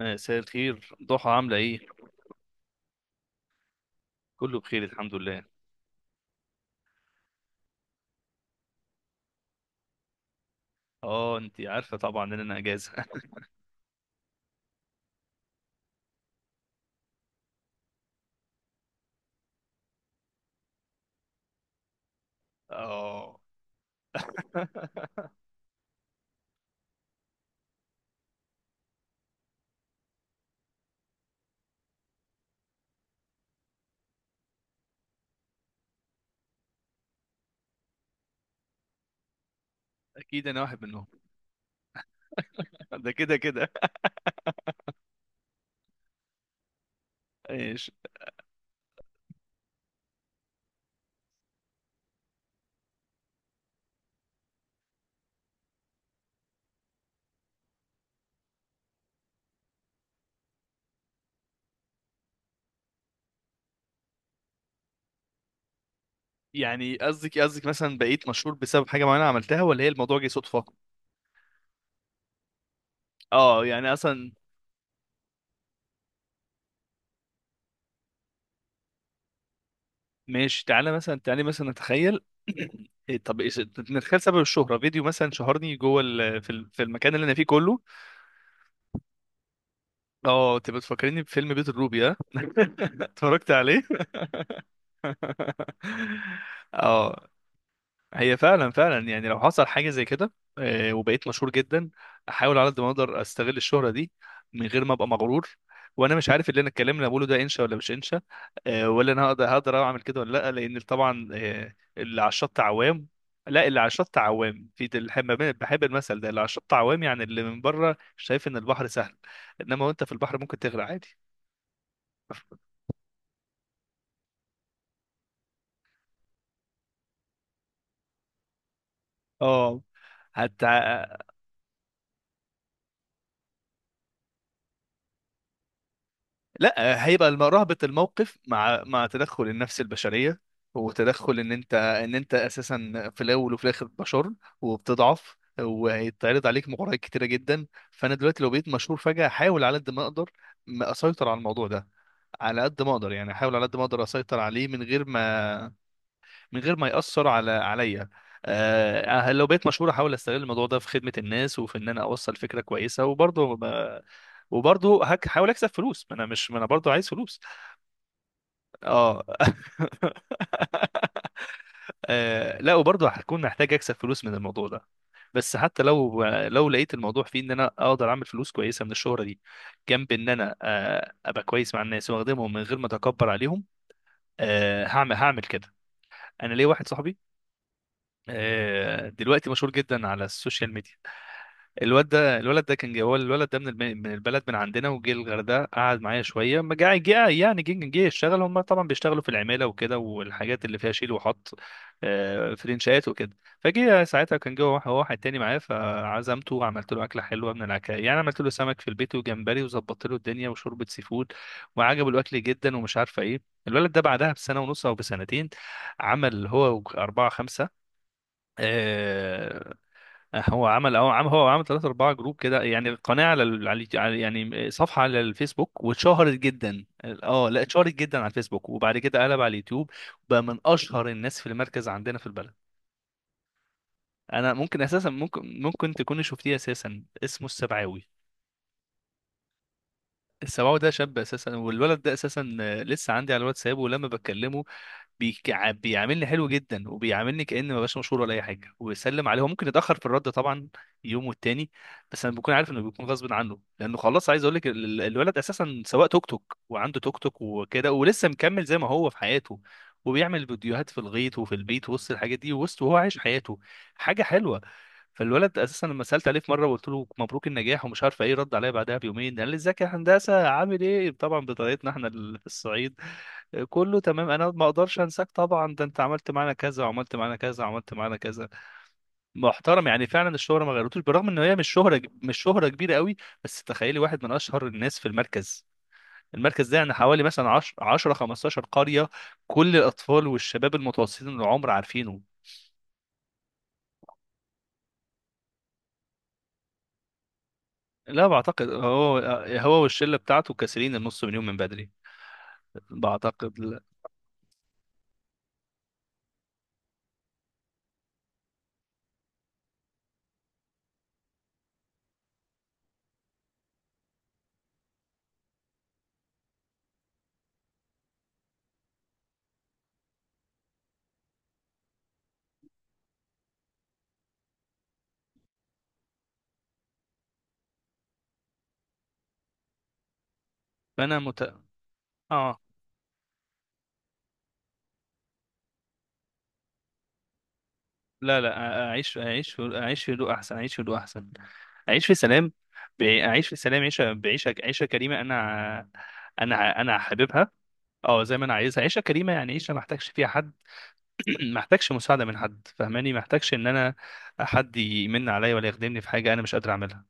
مساء الخير ضحى، عاملة ايه؟ كله بخير، الحمد لله. اه، انتي عارفة طبعا ان انا اجازة اه، اكيد انا واحد منهم. ده كده كده. ايش؟ يعني قصدك مثلا بقيت مشهور بسبب حاجة معينة عملتها، ولا هي الموضوع جه صدفة؟ اه، يعني اصلا ماشي. تعالى مثلا نتخيل إيه، طب إيه نتخيل سبب الشهرة فيديو مثلا شهرني جوه في المكان اللي انا فيه كله. اه، تبقى بتفكريني بفيلم بيت الروبي، ها اتفرجت عليه اه، هي فعلا فعلا يعني لو حصل حاجه زي كده وبقيت مشهور جدا، احاول على قد ما اقدر استغل الشهره دي من غير ما ابقى مغرور. وانا مش عارف اللي انا الكلام اللي أنا بقوله ده انشا ولا مش انشا، ولا انا هقدر اعمل كده ولا لا، لان طبعا اللي على الشط عوام. لا، اللي على الشط عوام بحب المثل ده، اللي على الشط عوام يعني اللي من بره شايف ان البحر سهل، انما وانت في البحر ممكن تغرق عادي. اه، حتى لا، رهبة الموقف مع مع تدخل النفس البشرية، وتدخل ان انت اساسا في الاول وفي الاخر بشر، وبتضعف، وهيتعرض عليك مغريات كتيرة جدا. فانا دلوقتي لو بقيت مشهور فجأة، احاول على قد ما اقدر ما اسيطر على الموضوع ده، على قد ما اقدر، يعني احاول على قد ما اقدر اسيطر عليه من غير ما، من غير ما يأثر على عليا. آه أه، لو بقيت مشهور احاول استغل الموضوع ده في خدمة الناس وفي ان انا اوصل فكرة كويسة. وبرضه ما- وبرضه هحاول اكسب فلوس، ما انا برضه عايز فلوس. اه لا، وبرضه هكون محتاج اكسب فلوس من الموضوع ده. بس حتى لو لقيت الموضوع فيه ان انا اقدر اعمل فلوس كويسه من الشهره دي، جنب ان انا ابقى كويس مع الناس واخدمهم من غير ما اتكبر عليهم، هعمل كده. انا ليا واحد صاحبي دلوقتي مشهور جدا على السوشيال ميديا. الواد ده الولد ده كان جه هو، الولد ده من من البلد من عندنا، وجه الغردقه قعد معايا شويه. ما جه يعني جه يشتغل، هم طبعا بيشتغلوا في العماله وكده، والحاجات اللي فيها شيل وحط، في الانشاءات وكده. فجه ساعتها كان جوه واحد تاني معايا، فعزمته وعملت له اكله حلوه من العكا، يعني عملت له سمك في البيت وجمبري وظبطت له الدنيا، وشوربه سي فود، وعجبه الاكل جدا ومش عارفه ايه. الولد ده بعدها بسنه ونص او بسنتين عمل هو اربعه خمسه، آه، هو عمل اه، عمل ثلاثة أربعة جروب كده، يعني قناة يعني صفحة على الفيسبوك، واتشهرت جدا. اه لا، اتشهرت جدا على الفيسبوك، وبعد كده قلب على اليوتيوب. بقى من أشهر الناس في المركز عندنا في البلد. أنا ممكن أساسا، ممكن تكوني شفتيه، أساسا اسمه السبعاوي. السماوي ده شاب اساسا، والولد ده اساسا لسه عندي على الواتساب، ولما بكلمه بيعاملني حلو جدا، وبيعاملني كأني ما بقاش مشهور ولا اي حاجه، ويسلم عليه. هو ممكن يتاخر في الرد طبعا يوم والتاني، بس انا بكون عارف انه بيكون غصب عنه، لانه خلاص. عايز اقول لك الولد اساسا سواق توك توك، وعنده توك توك وكده، ولسه مكمل زي ما هو في حياته، وبيعمل فيديوهات في الغيط وفي البيت وسط الحاجات دي، وسط وهو عايش حياته. حاجه حلوه. فالولد اساسا لما سالت عليه في مره وقلت له مبروك النجاح ومش عارف ايه، رد عليا بعدها بيومين قال لي ازيك يا هندسه، عامل ايه، طبعا بطريقتنا احنا في الصعيد، كله تمام، انا ما اقدرش انساك طبعا، ده انت عملت معانا كذا، وعملت معانا كذا، وعملت معانا كذا. محترم يعني فعلا، الشهره ما غيرتوش، بالرغم ان هي مش شهره، مش شهره كبيره قوي. بس تخيلي واحد من اشهر الناس في المركز. المركز ده يعني حوالي مثلا 10 10 15 قريه، كل الاطفال والشباب المتوسطين العمر عارفينه. لا بعتقد هو، هو والشله بتاعته كاسرين النص مليون من بدري. بعتقد لا. فانا مت... اه، لا لا، اعيش في هدوء احسن، اعيش في هدوء احسن، اعيش في سلام. اعيش في سلام عيشه، عيشه كريمه. انا انا حاببها، اه زي ما انا عايزها، عيشه كريمه، يعني عيشه ما احتاجش فيها حد ما احتاجش مساعده من حد، فاهماني؟ ما احتاجش ان انا حد يمن عليا ولا يخدمني في حاجه انا مش قادر اعملها.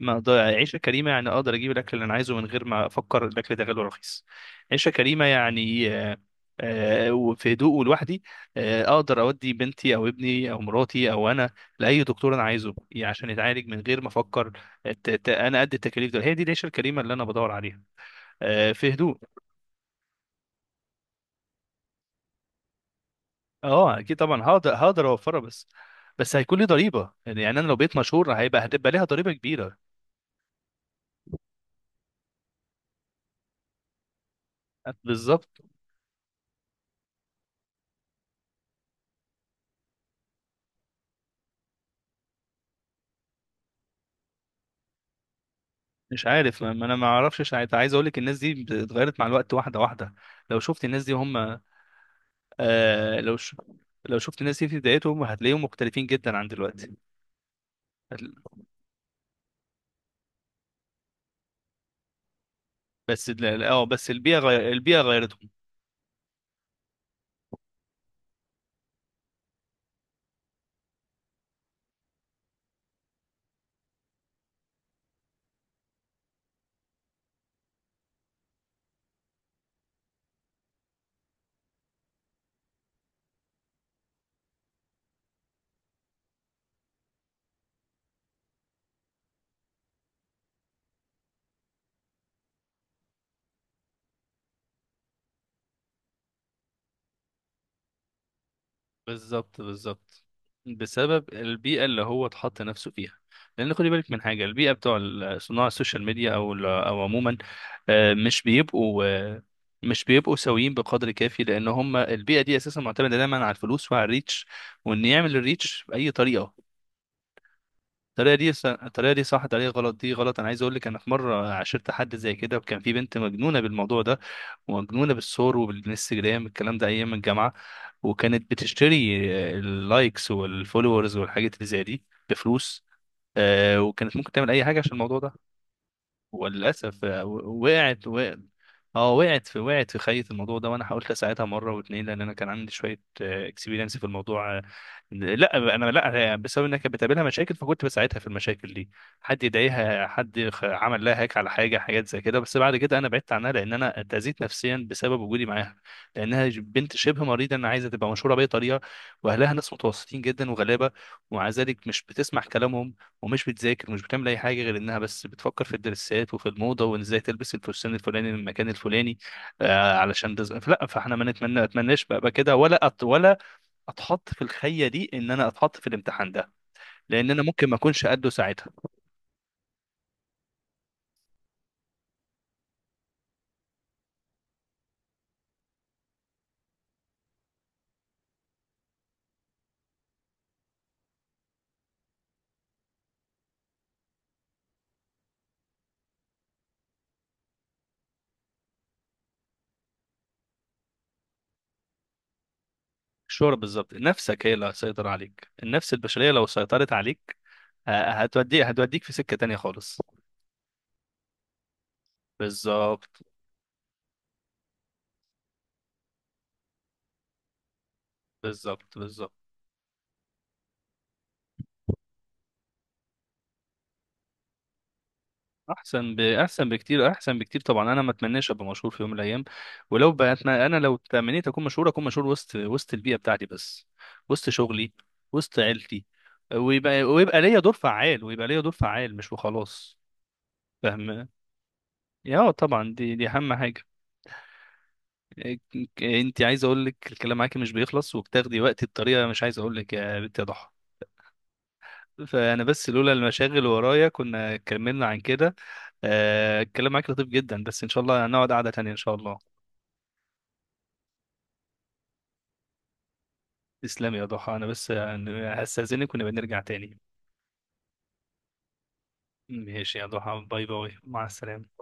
ما أقدر- يعني عيشة كريمة، يعني أقدر أجيب الأكل اللي أنا عايزه من غير ما أفكر الأكل ده غالي ولا رخيص. عيشة كريمة يعني وفي هدوء ولوحدي. أقدر أودي بنتي أو ابني أو مراتي أو أنا لأي دكتور أنا عايزه، عشان يتعالج من غير ما أفكر أنا قد التكاليف دول. هي دي العيشة الكريمة اللي أنا بدور عليها، في هدوء. أه أكيد طبعا، هقدر أوفرها، بس، بس هيكون لي ضريبة. يعني أنا لو بقيت مشهور هيبقى، هتبقى ليها ضريبة كبيرة. بالظبط. مش عارف، ما ما انا ما اعرفش ساعتها. عايز اقول لك الناس دي اتغيرت مع الوقت واحده واحده، لو شفت الناس دي هم، آه لو ش... لو شفت الناس دي في بدايتهم هتلاقيهم مختلفين جدا عن دلوقتي. هت- بس اه بس البيئه غير... البيئه غيرتهم، بالظبط بالظبط، بسبب البيئة اللي هو اتحط نفسه فيها. لأن خدي بالك من حاجة، البيئة بتوع صناع السوشيال ميديا أو أو عموما مش بيبقوا مش بيبقوا سويين بقدر كافي، لأن هم البيئة دي أساسا معتمدة دايما على الفلوس وعلى الريتش، وإن يعمل الريتش بأي طريقة. الطريقة دي الطريقة دي صح، الطريقة غلط دي غلط. أنا عايز أقول لك، أنا في مرة عاشرت حد زي كده، وكان في بنت مجنونة بالموضوع ده، مجنونة بالصور وبالانستجرام الكلام ده أيام الجامعة. وكانت بتشتري اللايكس والفولورز والحاجات اللي زي دي بفلوس، وكانت ممكن تعمل أي حاجة عشان الموضوع ده. وللاسف وقعت، اه، وقعت في خيط الموضوع ده. وانا حاولت اساعدها مره واتنين، لان انا كان عندي شويه اكسبيرينس في الموضوع. لا انا لا، بسبب انها كانت بتقابلها مشاكل، فكنت بساعدها في المشاكل دي. حد يضايقها، حد عمل لها هيك على حاجه، حاجات زي كده. بس بعد كده انا بعدت عنها لان انا اتاذيت نفسيا بسبب وجودي معاها، لانها بنت شبه مريضه، انا عايزه تبقى مشهوره باي طريقه. واهلها ناس متوسطين جدا وغلابه، ومع ذلك مش بتسمع كلامهم، ومش بتذاكر، ومش بتعمل اي حاجه غير انها بس بتفكر في الدرسات وفي الموضه، وان ازاي تلبس الفستان الفلاني من المكان الفلاني. آه علشان لا، فاحنا ما نتمنى اتمناش بقى، كده، ولا ولا اتحط في الخيه دي، ان انا اتحط في الامتحان ده، لان انا ممكن ما اكونش قده ساعتها. الشهرة بالظبط، نفسك هي اللي هتسيطر عليك، النفس البشريه لو سيطرت عليك هتوديك في سكه تانية خالص. بالظبط بالظبط بالظبط. احسن بكتير، احسن بكتير طبعا. انا ما اتمناش ابقى مشهور في يوم من الايام، ولو بقيتنا انا لو تمنيت اكون مشهور، اكون مشهور وسط، وسط البيئه بتاعتي بس، وسط شغلي، وسط عيلتي، ويبقى ليا دور فعال، مش وخلاص. فاهم يا؟ طبعا دي اهم حاجه. انت، عايز اقول لك، الكلام معاكي مش بيخلص، وبتاخدي وقتي بطريقه، مش عايز اقول لك يا بنت يا ضحى، فانا بس لولا المشاغل اللي ورايا كنا كملنا عن كده. الكلام معاك لطيف جدا، بس ان شاء الله هنقعد قعده تانيه ان شاء الله. تسلم يا ضحى، انا بس يعني هستأذنك ونبقى نرجع تاني. ماشي يا ضحى، باي باي، مع السلامة.